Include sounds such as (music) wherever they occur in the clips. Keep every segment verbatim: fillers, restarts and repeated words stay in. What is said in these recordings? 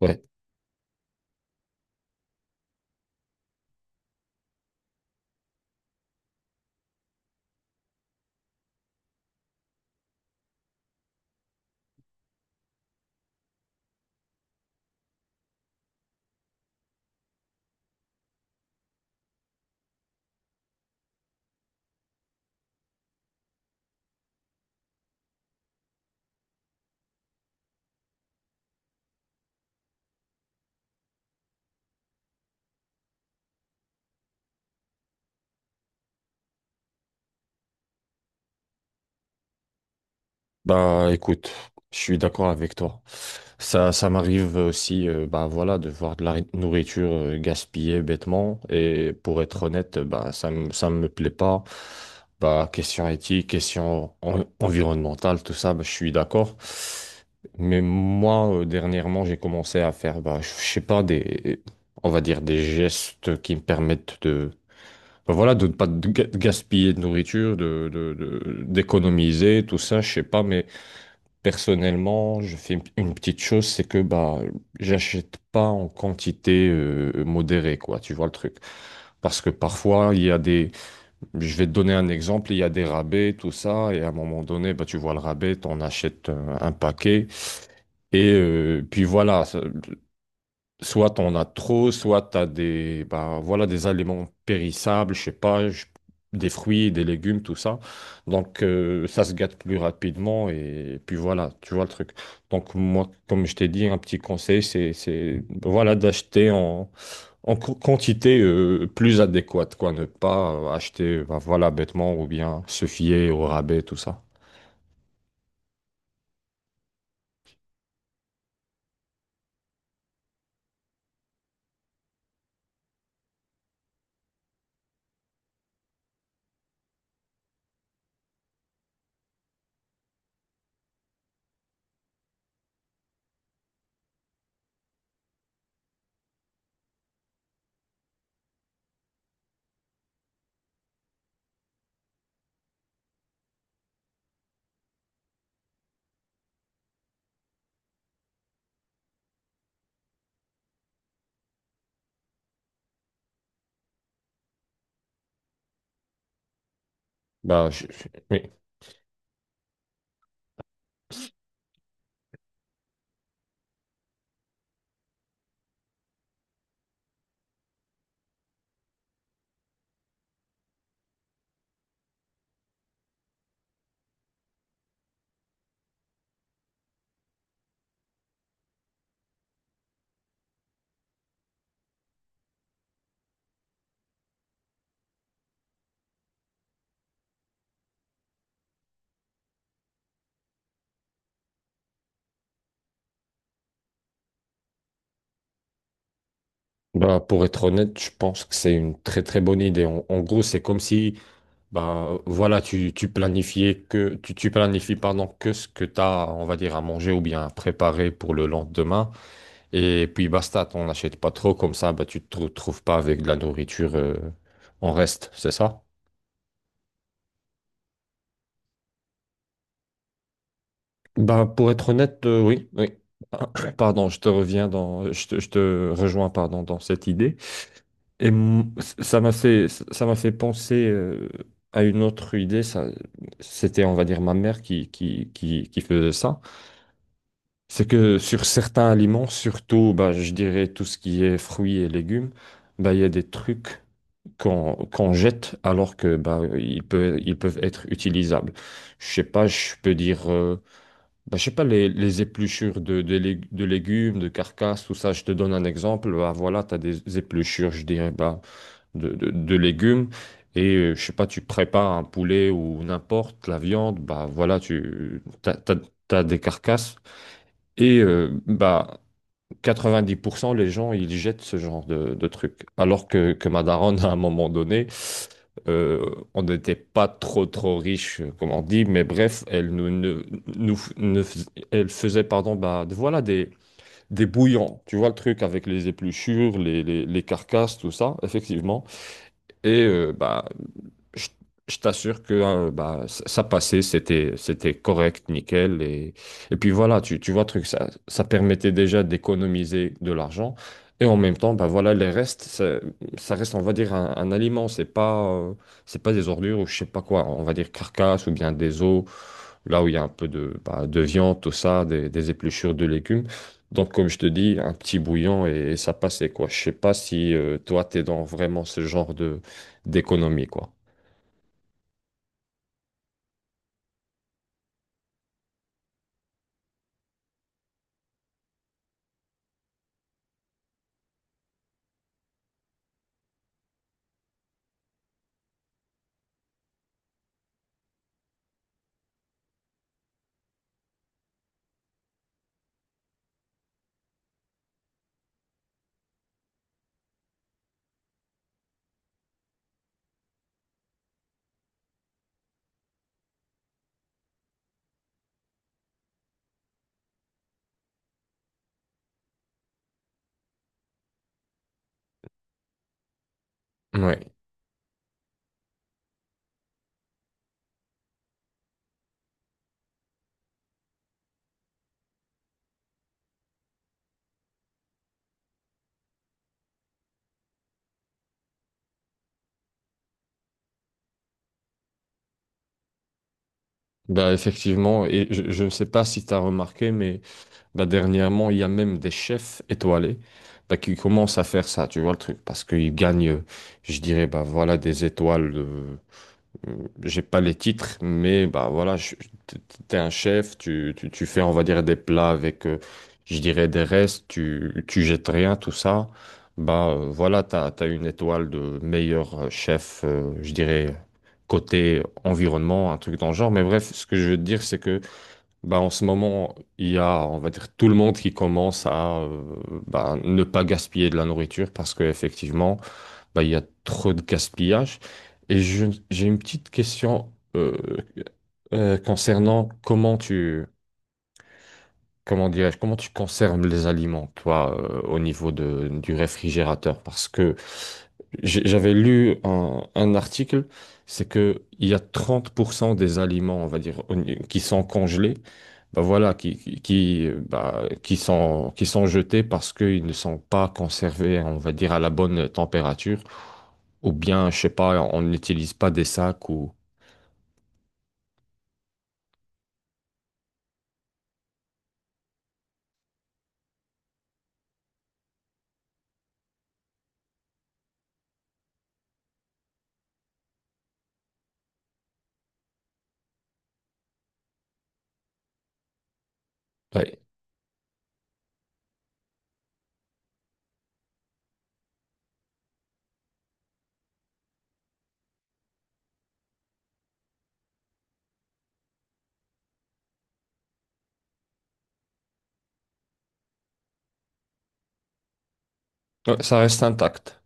Ouais, bah écoute, je suis d'accord avec toi. Ça, ça m'arrive aussi, euh, bah voilà, de voir de la nourriture euh, gaspillée bêtement. Et pour être honnête, euh, bah ça me, ça me plaît pas. Bah question éthique, question en- environnementale, tout ça, bah, je suis d'accord. Mais moi, euh, dernièrement, j'ai commencé à faire, bah je je sais pas des, on va dire des gestes qui me permettent de ben voilà, de ne pas de ga- de gaspiller de nourriture, de, de- de- d'économiser, tout ça, je sais pas, mais personnellement, je fais une une petite chose, c'est que bah, j'achète pas en quantité euh, modérée, quoi, tu vois le truc. Parce que parfois, il y a des, je vais te donner un exemple, il y a des rabais, tout ça, et à un moment donné, bah, tu vois le rabais, t'en achètes euh, un paquet, et euh, puis voilà, ça- soit t'en as trop, soit t'as des, bah, voilà, des aliments périssables, je sais pas, je- des fruits, des légumes, tout ça. Donc, euh, ça se gâte plus rapidement et, puis voilà, tu vois le truc. Donc, moi, comme je t'ai dit, un petit conseil, c'est, c'est, voilà, d'acheter en, en qu- quantité, euh, plus adéquate, quoi. Ne pas euh, acheter, bah, voilà, bêtement ou bien se fier au rabais, tout ça. Bah, je- je- oui. Bah, pour être honnête, je pense que c'est une très très bonne idée. En, en gros, c'est comme si ben, voilà, tu, tu planifiais que tu, tu planifies pardon, que ce que tu as, on va dire, à manger ou bien à préparer pour le lendemain. Et puis basta, t'en achètes pas trop, comme ça, ben, tu te retrouves pas avec de la nourriture euh, en reste, c'est ça? Ben, pour être honnête, euh, oui, oui. (coughs) Ah, (clears throat) pardon, je te reviens dans, je te, je te rejoins pardon, dans cette idée. Et m- ça m'a fait, ça m'a fait penser euh, à une autre idée. Ça, c'était, on va dire, ma mère qui, qui, qui, qui faisait ça. C'est que sur certains aliments, surtout, bah, je dirais tout ce qui est fruits et légumes, bah, il y a des trucs qu'on qu'on jette alors que bah, ils peuvent, ils peuvent être utilisables. Je sais pas, je peux dire, euh, bah, je sais pas, les, les épluchures de, de, lég- de légumes, de carcasses, tout ça, je te donne un exemple. Bah, voilà, tu as des épluchures, je dirais, bah, de, de, de légumes. Et euh, je sais pas, tu prépares un poulet ou n'importe la viande, bah voilà, tu t'as, t'as- t'as des carcasses. Et euh, bah quatre-vingt-dix pour cent, les gens, ils jettent ce genre de, de trucs. Alors que, que ma daronne, à un moment donné, euh, on n'était pas trop, trop riche, comme on dit, mais bref, elle nous, ne- nous, ne fais- elle faisait, pardon, bah, de- voilà, des, des bouillons. Tu vois le truc avec les épluchures, les, les, les carcasses, tout ça, effectivement. Et euh, bah, je, je t'assure que hein, bah, ça ça passait, c'était, c'était correct, nickel. Et, et puis voilà, tu, tu vois, le truc, ça, ça permettait déjà d'économiser de l'argent. Et en même temps, bah voilà, les restes, ça, ça reste, on va dire, un, un aliment. C'est pas, euh, c'est pas des ordures ou je sais pas quoi. On va dire carcasse ou bien des os, là où il y a un peu de, bah, de viande, tout ça, des, des épluchures de légumes. Donc, comme je te dis, un petit bouillon et, et ça passait, quoi. Je sais pas si euh, toi, t'es dans vraiment ce genre de d'économie, quoi. Ouais. Bah, effectivement, et je je ne sais pas si tu as remarqué, mais bah, dernièrement, il y a même des chefs étoilés bah, qui commencent à faire ça, tu vois le truc, parce qu'ils gagnent, euh, je dirais, bah, voilà, des étoiles j'ai pas les titres, mais bah voilà, je- t- t'es un chef, tu, tu, tu fais, on va dire, des plats avec, euh, je dirais, des restes, tu, tu jettes rien, tout ça. Bah euh, voilà, t'as, t'as une étoile de meilleur euh, chef, euh, je dirais, côté environnement, un truc dans le genre. Mais bref, ce que je veux te dire, c'est que bah en ce moment, il y a, on va dire, tout le monde qui commence à euh, bah, ne pas gaspiller de la nourriture parce que effectivement bah, il y a trop de gaspillage. Et je- j'ai une petite question euh, euh, concernant comment tu, comment dirais-je, comment tu conserves les aliments, toi, euh, au niveau de, du réfrigérateur. Parce que j'ai- j'avais lu un, un article, c'est que il y a trente pour cent des aliments, on va dire, au ni- qui sont congelés, bah voilà, qui, qui, qui, euh, bah, qui sont, qui sont jetés parce qu'ils ne sont pas conservés, on va dire, à la bonne température. Ou bien, je sais pas, on n'utilise pas des sacs ou… Ouais. Ouais, ça reste intact.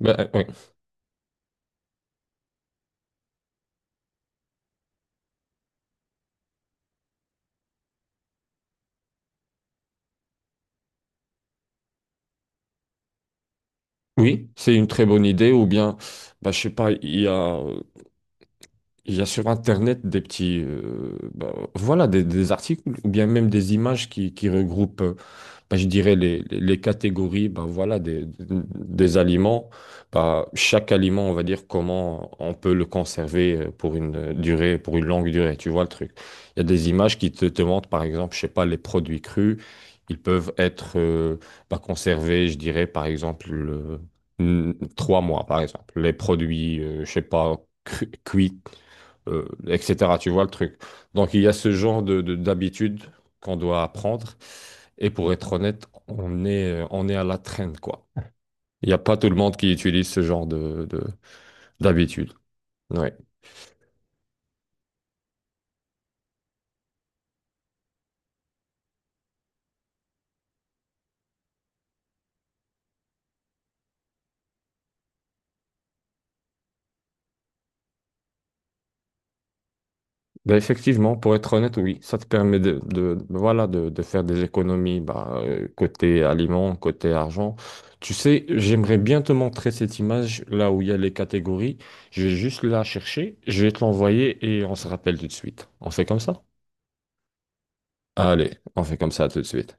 Ben, euh, oui, oui, c'est une très bonne idée. Ou bien, ben, je sais pas, il y a… Il y a sur Internet des petits, euh, bah, voilà, des, des articles ou bien même des images qui, qui regroupent, euh, bah, je dirais, les, les- les catégories, bah, voilà, des, des aliments. Bah, chaque aliment, on va dire comment on peut le conserver euh, pour une euh, durée, pour une longue durée, tu vois le truc. Il y a des images qui te, te montrent, par exemple, je sais pas, les produits crus, ils peuvent être euh, bah, conservés, je dirais, par exemple, euh, n- trois mois, par exemple. Les produits, euh, je sais pas, cru- cuits euh, et cetera. Tu vois le truc. Donc il y a ce genre de, de- d'habitude qu'on doit apprendre. Et pour être honnête, on est, on est à la traîne, quoi. Il n'y a pas tout le monde qui utilise ce genre de, de- d'habitude. Ouais. Ben effectivement, pour être honnête, oui, ça te permet de, de- voilà, de, de faire des économies bah, euh, côté aliments, côté argent. Tu sais, j'aimerais bien te montrer cette image là où il y a les catégories. Je vais juste la chercher, je vais te l'envoyer et on se rappelle tout de suite. On fait comme ça? Allez, on fait comme ça tout de suite.